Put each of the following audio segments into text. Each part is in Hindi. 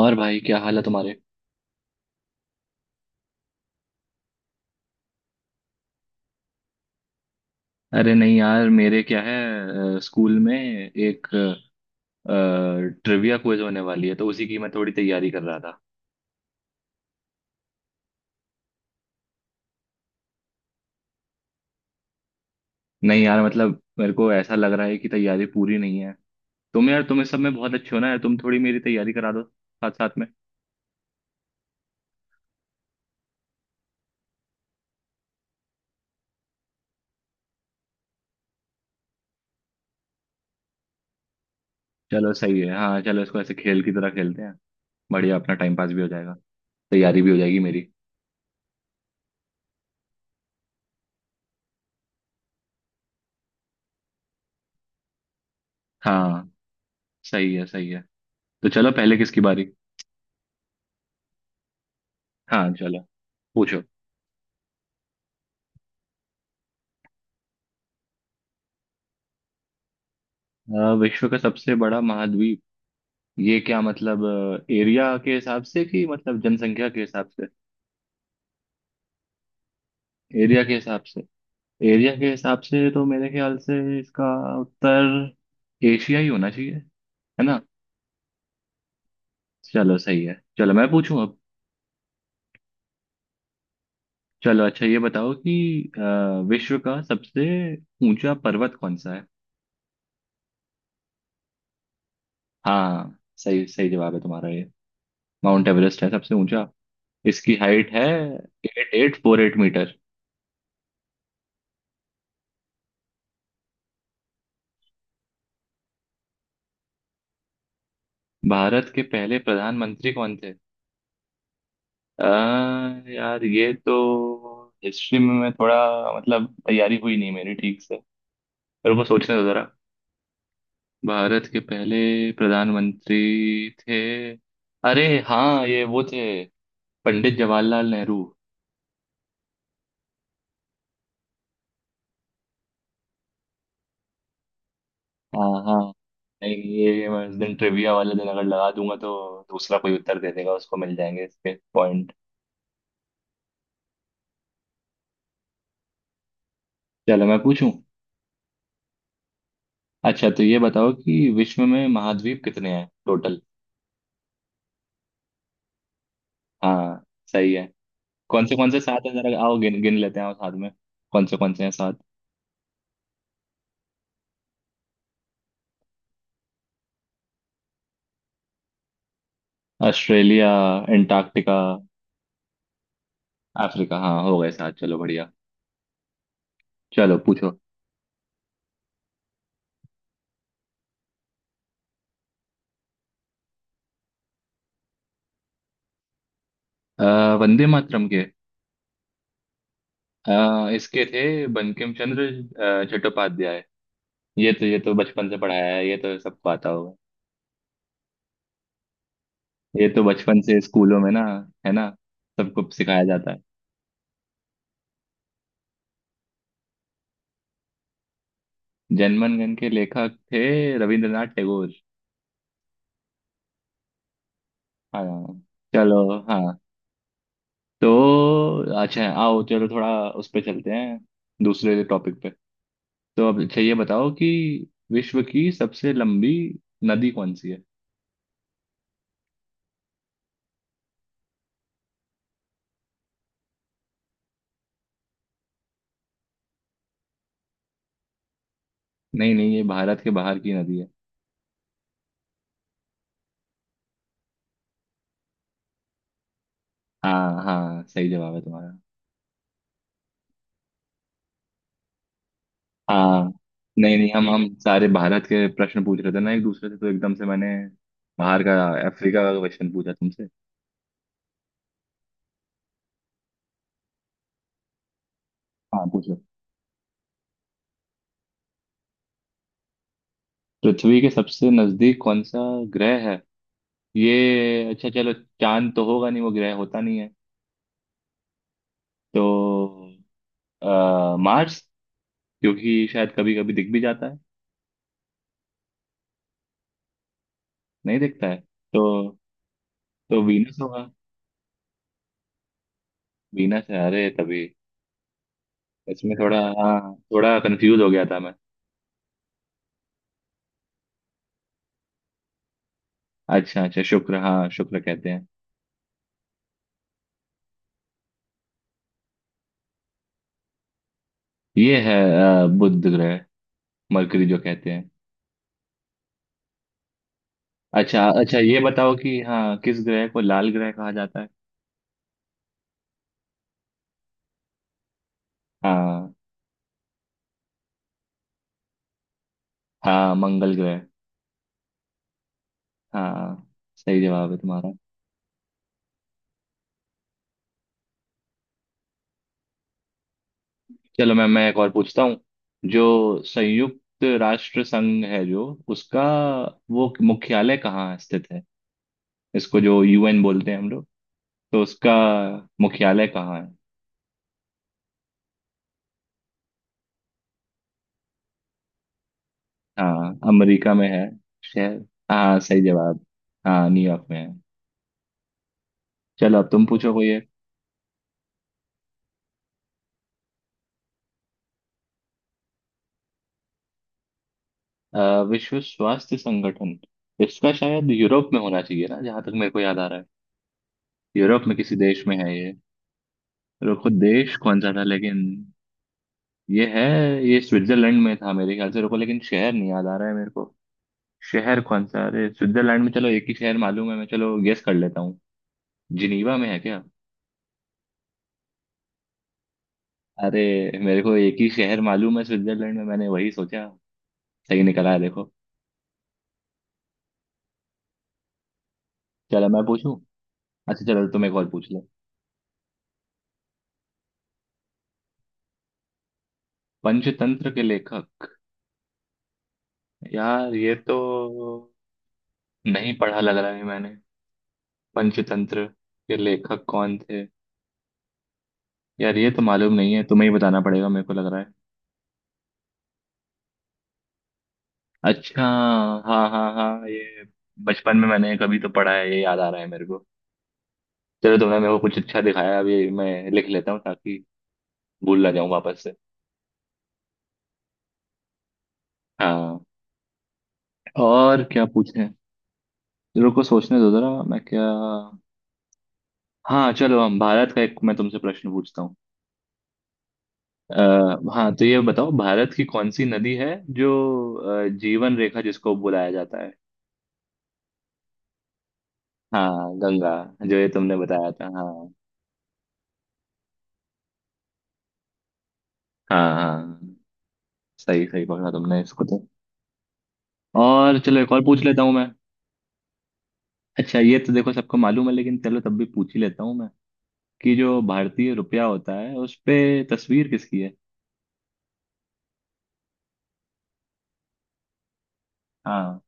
और भाई क्या हाल है तुम्हारे? अरे नहीं यार, मेरे क्या है। स्कूल में एक ट्रिविया क्विज होने वाली है, तो उसी की मैं थोड़ी तैयारी कर रहा था। नहीं यार, मतलब मेरे को ऐसा लग रहा है कि तैयारी पूरी नहीं है। तुम यार तुम इस सब में बहुत अच्छे हो ना यार, तुम थोड़ी मेरी तैयारी करा दो साथ साथ में। चलो सही है। हाँ चलो, इसको ऐसे खेल की तरह खेलते हैं। बढ़िया, अपना टाइम पास भी हो जाएगा। तैयारी भी हो जाएगी मेरी। हाँ, सही है सही है। तो चलो, पहले किसकी बारी? हाँ चलो, पूछो। विश्व का सबसे बड़ा महाद्वीप? ये क्या मतलब, एरिया के हिसाब से कि मतलब जनसंख्या के हिसाब से? एरिया के हिसाब से। एरिया के हिसाब से तो मेरे ख्याल से इसका उत्तर एशिया ही होना चाहिए, है ना? चलो सही है। चलो मैं पूछूं अब। चलो अच्छा, ये बताओ कि अ, विश्व का सबसे ऊंचा पर्वत कौन सा है? हाँ सही सही जवाब है तुम्हारा, ये माउंट एवरेस्ट है सबसे ऊंचा। इसकी हाइट है 8848 मीटर। भारत के पहले प्रधानमंत्री कौन थे? अ, यार, ये तो हिस्ट्री में मैं थोड़ा, मतलब तैयारी हुई नहीं मेरी ठीक से। पर वो सोचने दो जरा। भारत के पहले प्रधानमंत्री थे। अरे हाँ, ये वो थे, पंडित जवाहरलाल नेहरू। हाँ हाँ, नहीं, ये मैं उस दिन, ट्रिविया वाले दिन अगर लगा दूंगा तो दूसरा कोई उत्तर दे देगा, उसको मिल जाएंगे इसके पॉइंट। चलो मैं पूछूं। अच्छा तो ये बताओ कि विश्व में महाद्वीप कितने हैं टोटल? हाँ सही है। कौन से साथ हैं, जरा आओ गिन गिन लेते हैं और साथ में। कौन से हैं साथ? Australia, Antarctica, Africa. हाँ हो गए साथ, चलो बढ़िया। चलो पूछो। अ, वंदे मातरम के, इसके थे बंकिम चंद्र चट्टोपाध्याय। ये तो बचपन से पढ़ाया है, ये तो सबको आता होगा। ये तो बचपन से स्कूलों में ना, है ना, सबको सिखाया जाता है। जनगण मन के लेखक थे रविंद्रनाथ टैगोर। हाँ चलो। हाँ तो अच्छा आओ, चलो थोड़ा उस पे चलते हैं, दूसरे टॉपिक पे। तो अब अच्छा, ये बताओ कि विश्व की सबसे लंबी नदी कौन सी है? नहीं नहीं, ये भारत के बाहर की नदी है। हाँ हाँ, सही जवाब है तुम्हारा। हाँ नहीं नहीं, हम सारे भारत के प्रश्न पूछ रहे थे ना एक दूसरे से, तो एकदम से मैंने बाहर का, अफ्रीका का क्वेश्चन पूछा तुमसे। हाँ पूछो। पृथ्वी के सबसे नजदीक कौन सा ग्रह है? ये अच्छा, चलो, चांद तो होगा नहीं, वो ग्रह होता नहीं है। तो मार्स, क्योंकि शायद कभी कभी दिख भी जाता है। नहीं दिखता है तो वीनस होगा। वीनस है, अरे तभी। इसमें थोड़ा हाँ थोड़ा कंफ्यूज हो गया था मैं। अच्छा अच्छा शुक्र, हाँ शुक्र कहते हैं। ये है बुध ग्रह, मरकरी जो कहते हैं। अच्छा अच्छा, ये बताओ कि हाँ, किस ग्रह को लाल ग्रह कहा जाता है? हाँ हाँ मंगल ग्रह। हाँ सही जवाब है तुम्हारा। चलो मैम, मैं एक और पूछता हूँ। जो संयुक्त राष्ट्र संघ है जो, उसका वो मुख्यालय कहाँ स्थित है? इसको जो यूएन बोलते हैं हम लोग, तो उसका मुख्यालय कहाँ है? हाँ अमेरिका में है, शहर। हाँ सही जवाब। हाँ न्यूयॉर्क में है। चलो, अब तुम पूछो कोई एक। विश्व स्वास्थ्य संगठन, इसका शायद यूरोप में होना चाहिए ना, जहां तक मेरे को याद आ रहा है। यूरोप में किसी देश में है ये। रुको, देश कौन सा था लेकिन। ये है, ये स्विट्जरलैंड में था मेरे ख्याल से, रुको, लेकिन शहर नहीं याद आ रहा है मेरे को। शहर कौन सा, अरे स्विट्जरलैंड में चलो एक ही शहर मालूम है मैं, चलो गेस कर लेता हूँ। जिनीवा में है क्या? अरे मेरे को एक ही शहर मालूम है स्विट्जरलैंड में, मैंने वही सोचा। सही निकला है देखो। चलो मैं पूछूं। अच्छा चलो, तुम एक और पूछ लो। पंचतंत्र के लेखक, यार ये तो नहीं पढ़ा लग रहा है मैंने। पंचतंत्र के लेखक कौन थे? यार, ये तो मालूम नहीं है, तुम्हें ही बताना पड़ेगा मेरे को लग रहा है। अच्छा, हाँ हाँ हाँ, ये बचपन में मैंने कभी तो पढ़ा है, ये याद आ रहा है मेरे को। चलो तुमने मेरे को कुछ अच्छा दिखाया, अभी मैं लिख लेता हूँ ताकि भूल ना जाऊँ वापस से। हाँ, और क्या पूछें। रुको सोचने दो जरा मैं क्या। हाँ चलो, हम भारत का एक मैं तुमसे प्रश्न पूछता हूँ। अ, हाँ तो ये बताओ, भारत की कौन सी नदी है जो जीवन रेखा जिसको बुलाया जाता है? हाँ गंगा, जो ये तुमने बताया था हाँ। हाँ हाँ, सही सही पकड़ा तुमने इसको तो। और चलो, एक और पूछ लेता हूँ मैं। अच्छा ये तो देखो सबको मालूम है, लेकिन चलो तब भी पूछ ही लेता हूँ मैं कि जो भारतीय रुपया होता है, उस पे तस्वीर किसकी है? हाँ,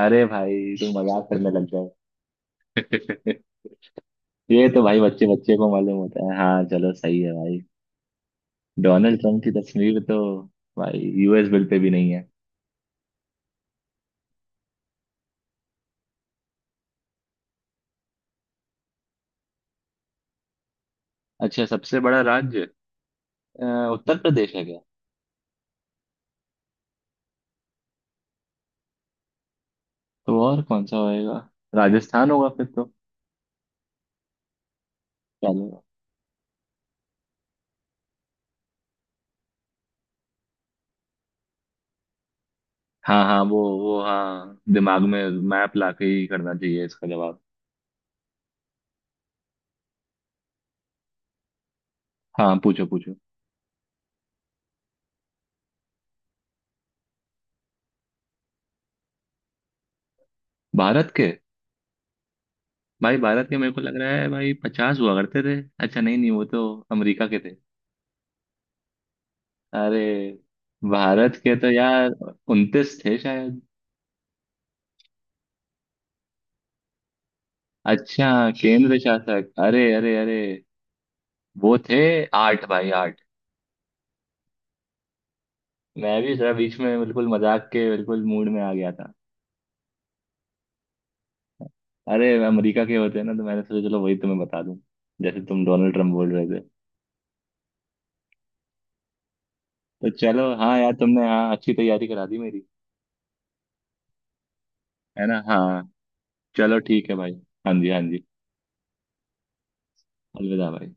अरे भाई तुम मजाक करने लग गए ये तो भाई बच्चे बच्चे को मालूम होता है, हाँ चलो सही है भाई। डोनाल्ड ट्रंप की तस्वीर तो भाई यूएस बिल पे भी नहीं है। अच्छा सबसे बड़ा राज्य, अ, उत्तर प्रदेश है क्या? तो और कौन सा होएगा, राजस्थान होगा फिर तो। चलो हाँ हाँ वो हाँ, दिमाग में मैप लाके ही करना चाहिए इसका जवाब। हाँ पूछो पूछो। भारत के, भाई भारत के, मेरे को लग रहा है भाई 50 हुआ करते थे। अच्छा नहीं नहीं वो तो अमेरिका के थे। अरे भारत के तो यार 29 थे शायद। अच्छा केंद्र शासक, अरे अरे अरे, वो थे आठ भाई आठ। मैं भी जरा बीच में बिल्कुल मजाक के बिल्कुल मूड में आ गया था। अरे अमेरिका के होते हैं ना, तो मैंने सोचा चलो वही तुम्हें बता दूं। जैसे तुम डोनाल्ड ट्रम्प बोल रहे। तो चलो हाँ यार, तुमने हाँ अच्छी तैयारी करा दी मेरी। है ना हाँ। चलो ठीक है भाई। हाँ जी हाँ जी। अलविदा भाई।